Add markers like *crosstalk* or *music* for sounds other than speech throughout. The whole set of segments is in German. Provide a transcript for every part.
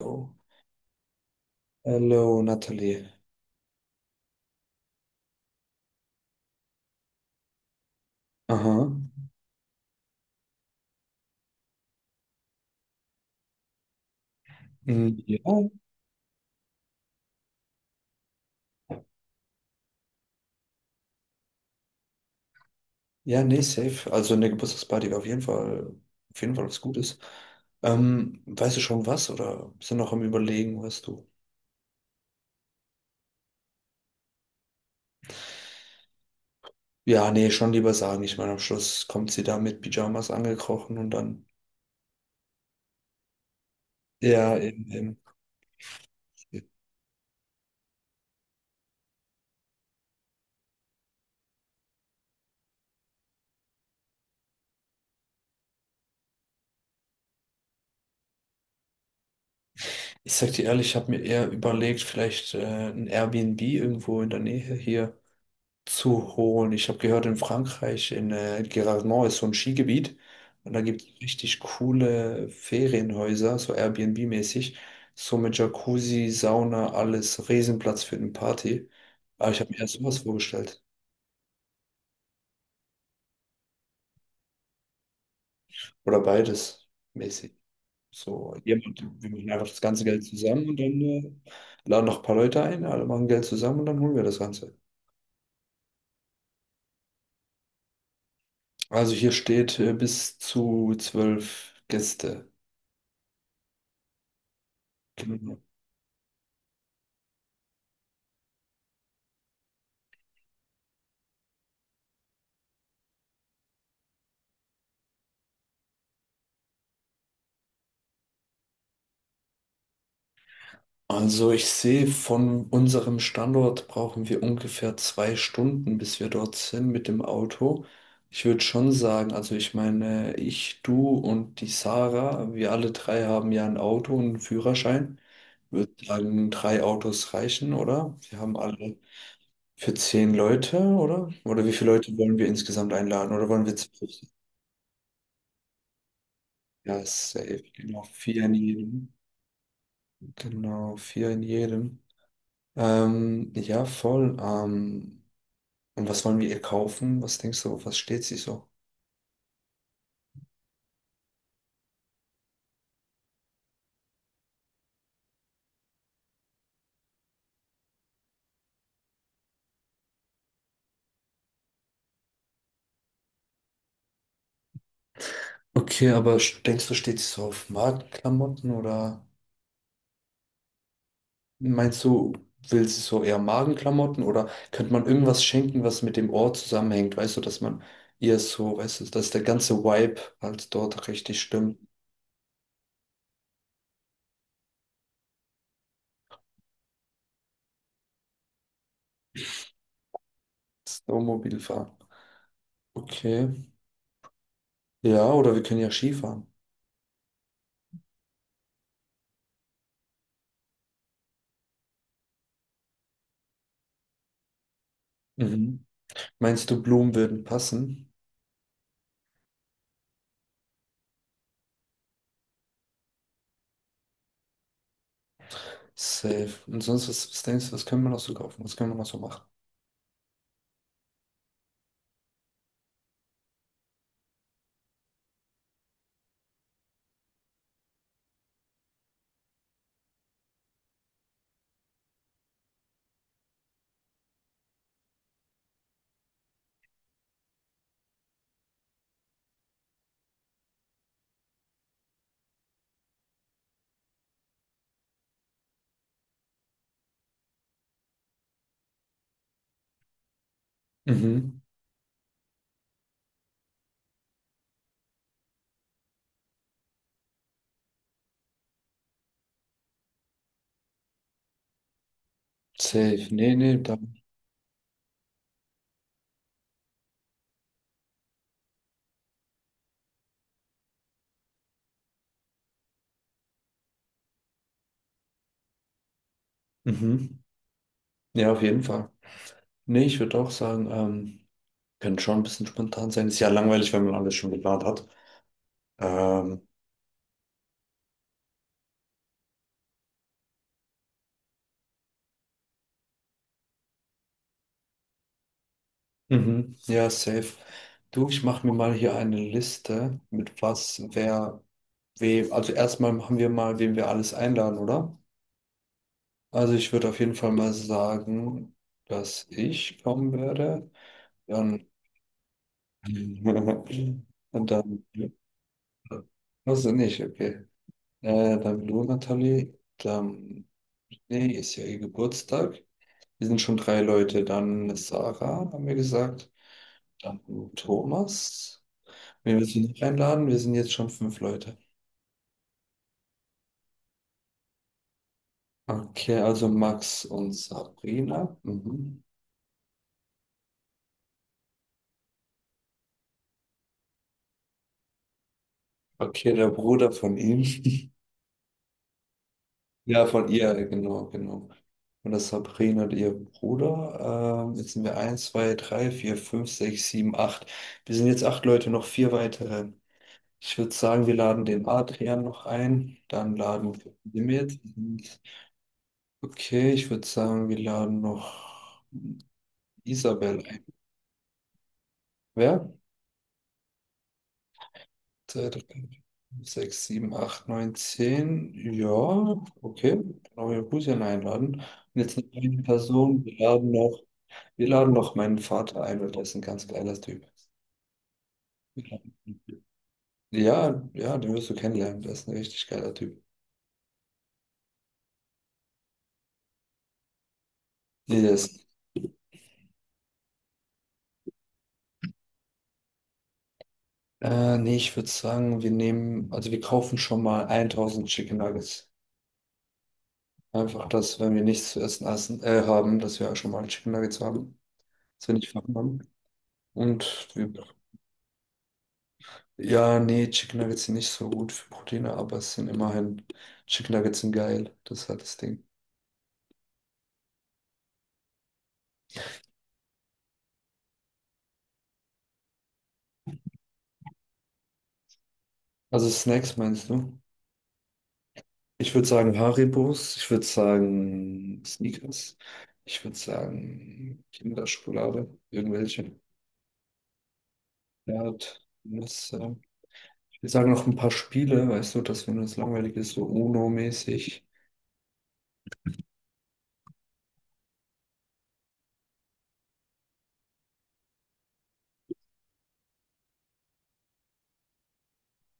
Oh. Hallo, Nathalie. Aha. Mm, ja, ja, nee, safe. Also eine Geburtstagsparty wäre auf jeden Fall was Gutes. Weißt du schon was oder sind noch am Überlegen, weißt du? Ja, nee, schon lieber sagen. Ich meine, am Schluss kommt sie da mit Pyjamas angekrochen und dann. Ja, eben, eben. Ich sag dir ehrlich, ich habe mir eher überlegt, vielleicht ein Airbnb irgendwo in der Nähe hier zu holen. Ich habe gehört, in Frankreich, in Gérardmer ist so ein Skigebiet und da gibt es richtig coole Ferienhäuser, so Airbnb-mäßig, so mit Jacuzzi, Sauna, alles, Riesenplatz für eine Party. Aber ich habe mir erst sowas vorgestellt. Oder beides mäßig. So, jemand, wir machen einfach das ganze Geld zusammen und dann laden noch ein paar Leute ein, alle machen Geld zusammen und dann holen wir das Ganze. Also hier steht bis zu 12 Gäste. Genau. Also ich sehe, von unserem Standort brauchen wir ungefähr 2 Stunden, bis wir dort sind mit dem Auto. Ich würde schon sagen, also ich meine, ich, du und die Sarah, wir alle drei haben ja ein Auto und einen Führerschein. Ich würde sagen, drei Autos reichen, oder? Wir haben alle für 10 Leute, oder? Oder wie viele Leute wollen wir insgesamt einladen? Oder wollen wir 12? Ja, safe. Genau, vier in jedem. Genau, vier in jedem. Ja, voll. Und was wollen wir ihr kaufen? Was denkst du, auf was steht sie so? Okay, aber denkst du, steht sie so auf Magenklamotten oder meinst du, will sie so eher Magenklamotten oder könnte man irgendwas schenken, was mit dem Ort zusammenhängt? Weißt du, dass man ihr so, weißt du, dass der ganze Vibe halt dort richtig stimmt. Snowmobil fahren. Okay. Ja, oder wir können ja Skifahren. Mhm. Meinst du, Blumen würden passen? Safe. Und sonst, was denkst du, was können wir noch so kaufen? Was können wir noch so machen? Mhm. Safe. Nee, nee, da. Mhm. Ja, auf jeden Fall. Nee, ich würde auch sagen, könnte schon ein bisschen spontan sein. Ist ja langweilig, wenn man alles schon geplant hat. Ähm, mhm. Ja, safe. Du, ich mache mir mal hier eine Liste mit was, wer, wem. Also erstmal machen wir mal, wen wir alles einladen, oder? Also ich würde auf jeden Fall mal sagen, dass ich kommen werde. Dann, *laughs* und dann, also nicht, okay. Dann du, Nathalie, dann. Nee, ist ja ihr Geburtstag. Wir sind schon drei Leute. Dann Sarah, haben wir gesagt. Dann Thomas. Wen willst du noch einladen? Wir sind jetzt schon fünf Leute. Okay, also Max und Sabrina. Mhm. Okay, der Bruder von ihm. *laughs* Ja, von ihr, genau, genau. Und das Sabrina und ihr Bruder. Jetzt sind wir eins, zwei, drei, vier, fünf, sechs, sieben, acht. Wir sind jetzt acht Leute, noch vier weitere. Ich würde sagen, wir laden den Adrian noch ein. Dann laden wir Mehmet. Okay, ich würde sagen, wir laden noch Isabel ein. Wer? Zwei, drei, vier, fünf, sechs, sieben, acht, neun, 10. Ja, okay. Genau, wir Rusian einladen. Und jetzt noch eine Person. Wir laden noch meinen Vater ein, weil der ist ein ganz geiler Typ. Ja, ja, den wirst du kennenlernen. Der ist ein richtig geiler Typ. Yes. Nee, ich würde sagen, wir nehmen, also wir kaufen schon mal 1000 Chicken Nuggets. Einfach, dass, wenn wir nichts zu essen, haben, dass wir schon mal Chicken Nuggets haben, dass wir nicht verhungern. Und wir, ja, nee, Chicken Nuggets sind nicht so gut für Proteine, aber es sind immerhin, Chicken Nuggets sind geil. Das ist halt das Ding. Also Snacks meinst du? Ich würde sagen Haribos, ich würde sagen Snickers, ich würde sagen Kinderschokolade, irgendwelche. Ja, Nüsse. Wir sagen noch ein paar Spiele, weißt du, dass wenn es langweilig ist, so UNO-mäßig.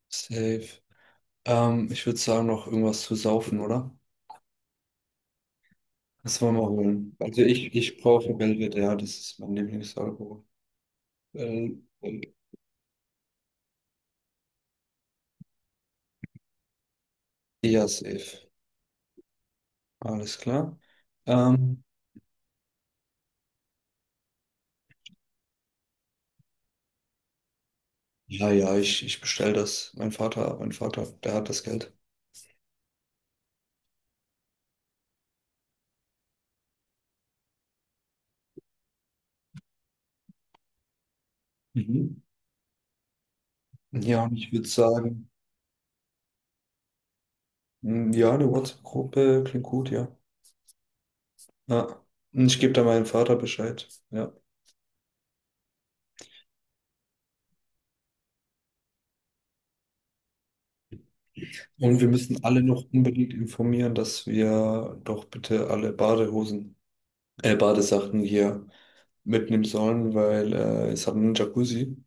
Safe. Ich würde sagen, noch irgendwas zu saufen, oder? Das wollen wir holen. Also ich brauche Belvedere, ja, das ist mein Lieblingsalkohol. Ähm, ja, safe. Alles klar. Ähm, ja, ja, ich bestelle das. Mein Vater, der hat das Geld. Mhm. Ja, und ich würde sagen, ja, eine WhatsApp-Gruppe klingt gut, ja. Ja. Und ich gebe da meinem Vater Bescheid. Ja. Und wir müssen alle noch unbedingt informieren, dass wir doch bitte alle Badehosen, Badesachen hier mitnehmen sollen, weil es hat einen Jacuzzi.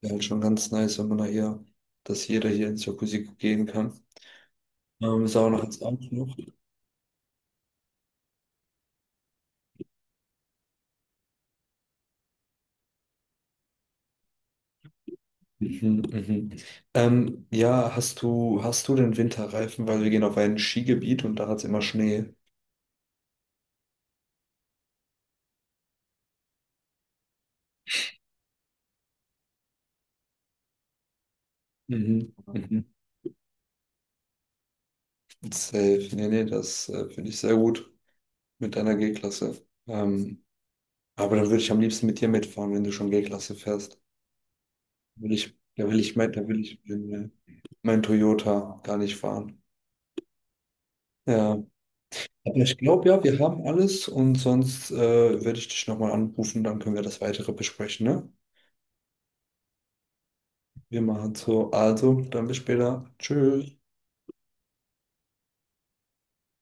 Wäre halt schon ganz nice, wenn man da hier, dass jeder hier ins Jacuzzi gehen kann. Sauna hat's auch noch. Mhm, mhm. Ja, hast du den Winterreifen, weil wir gehen auf ein Skigebiet und da hat es immer Schnee. Mhm, mhm. Safe. Nee, nee, das finde ich sehr gut mit deiner G-Klasse. Ähm, Aber dann würde ich am liebsten mit dir mitfahren, wenn du schon G-Klasse fährst. Will ich, da will ich mein, mein Toyota gar nicht fahren. Ja. Aber ich glaube ja, wir haben alles und sonst werde ich dich nochmal anrufen, dann können wir das weitere besprechen, ne? Wir machen so. Also, dann bis später. Tschüss.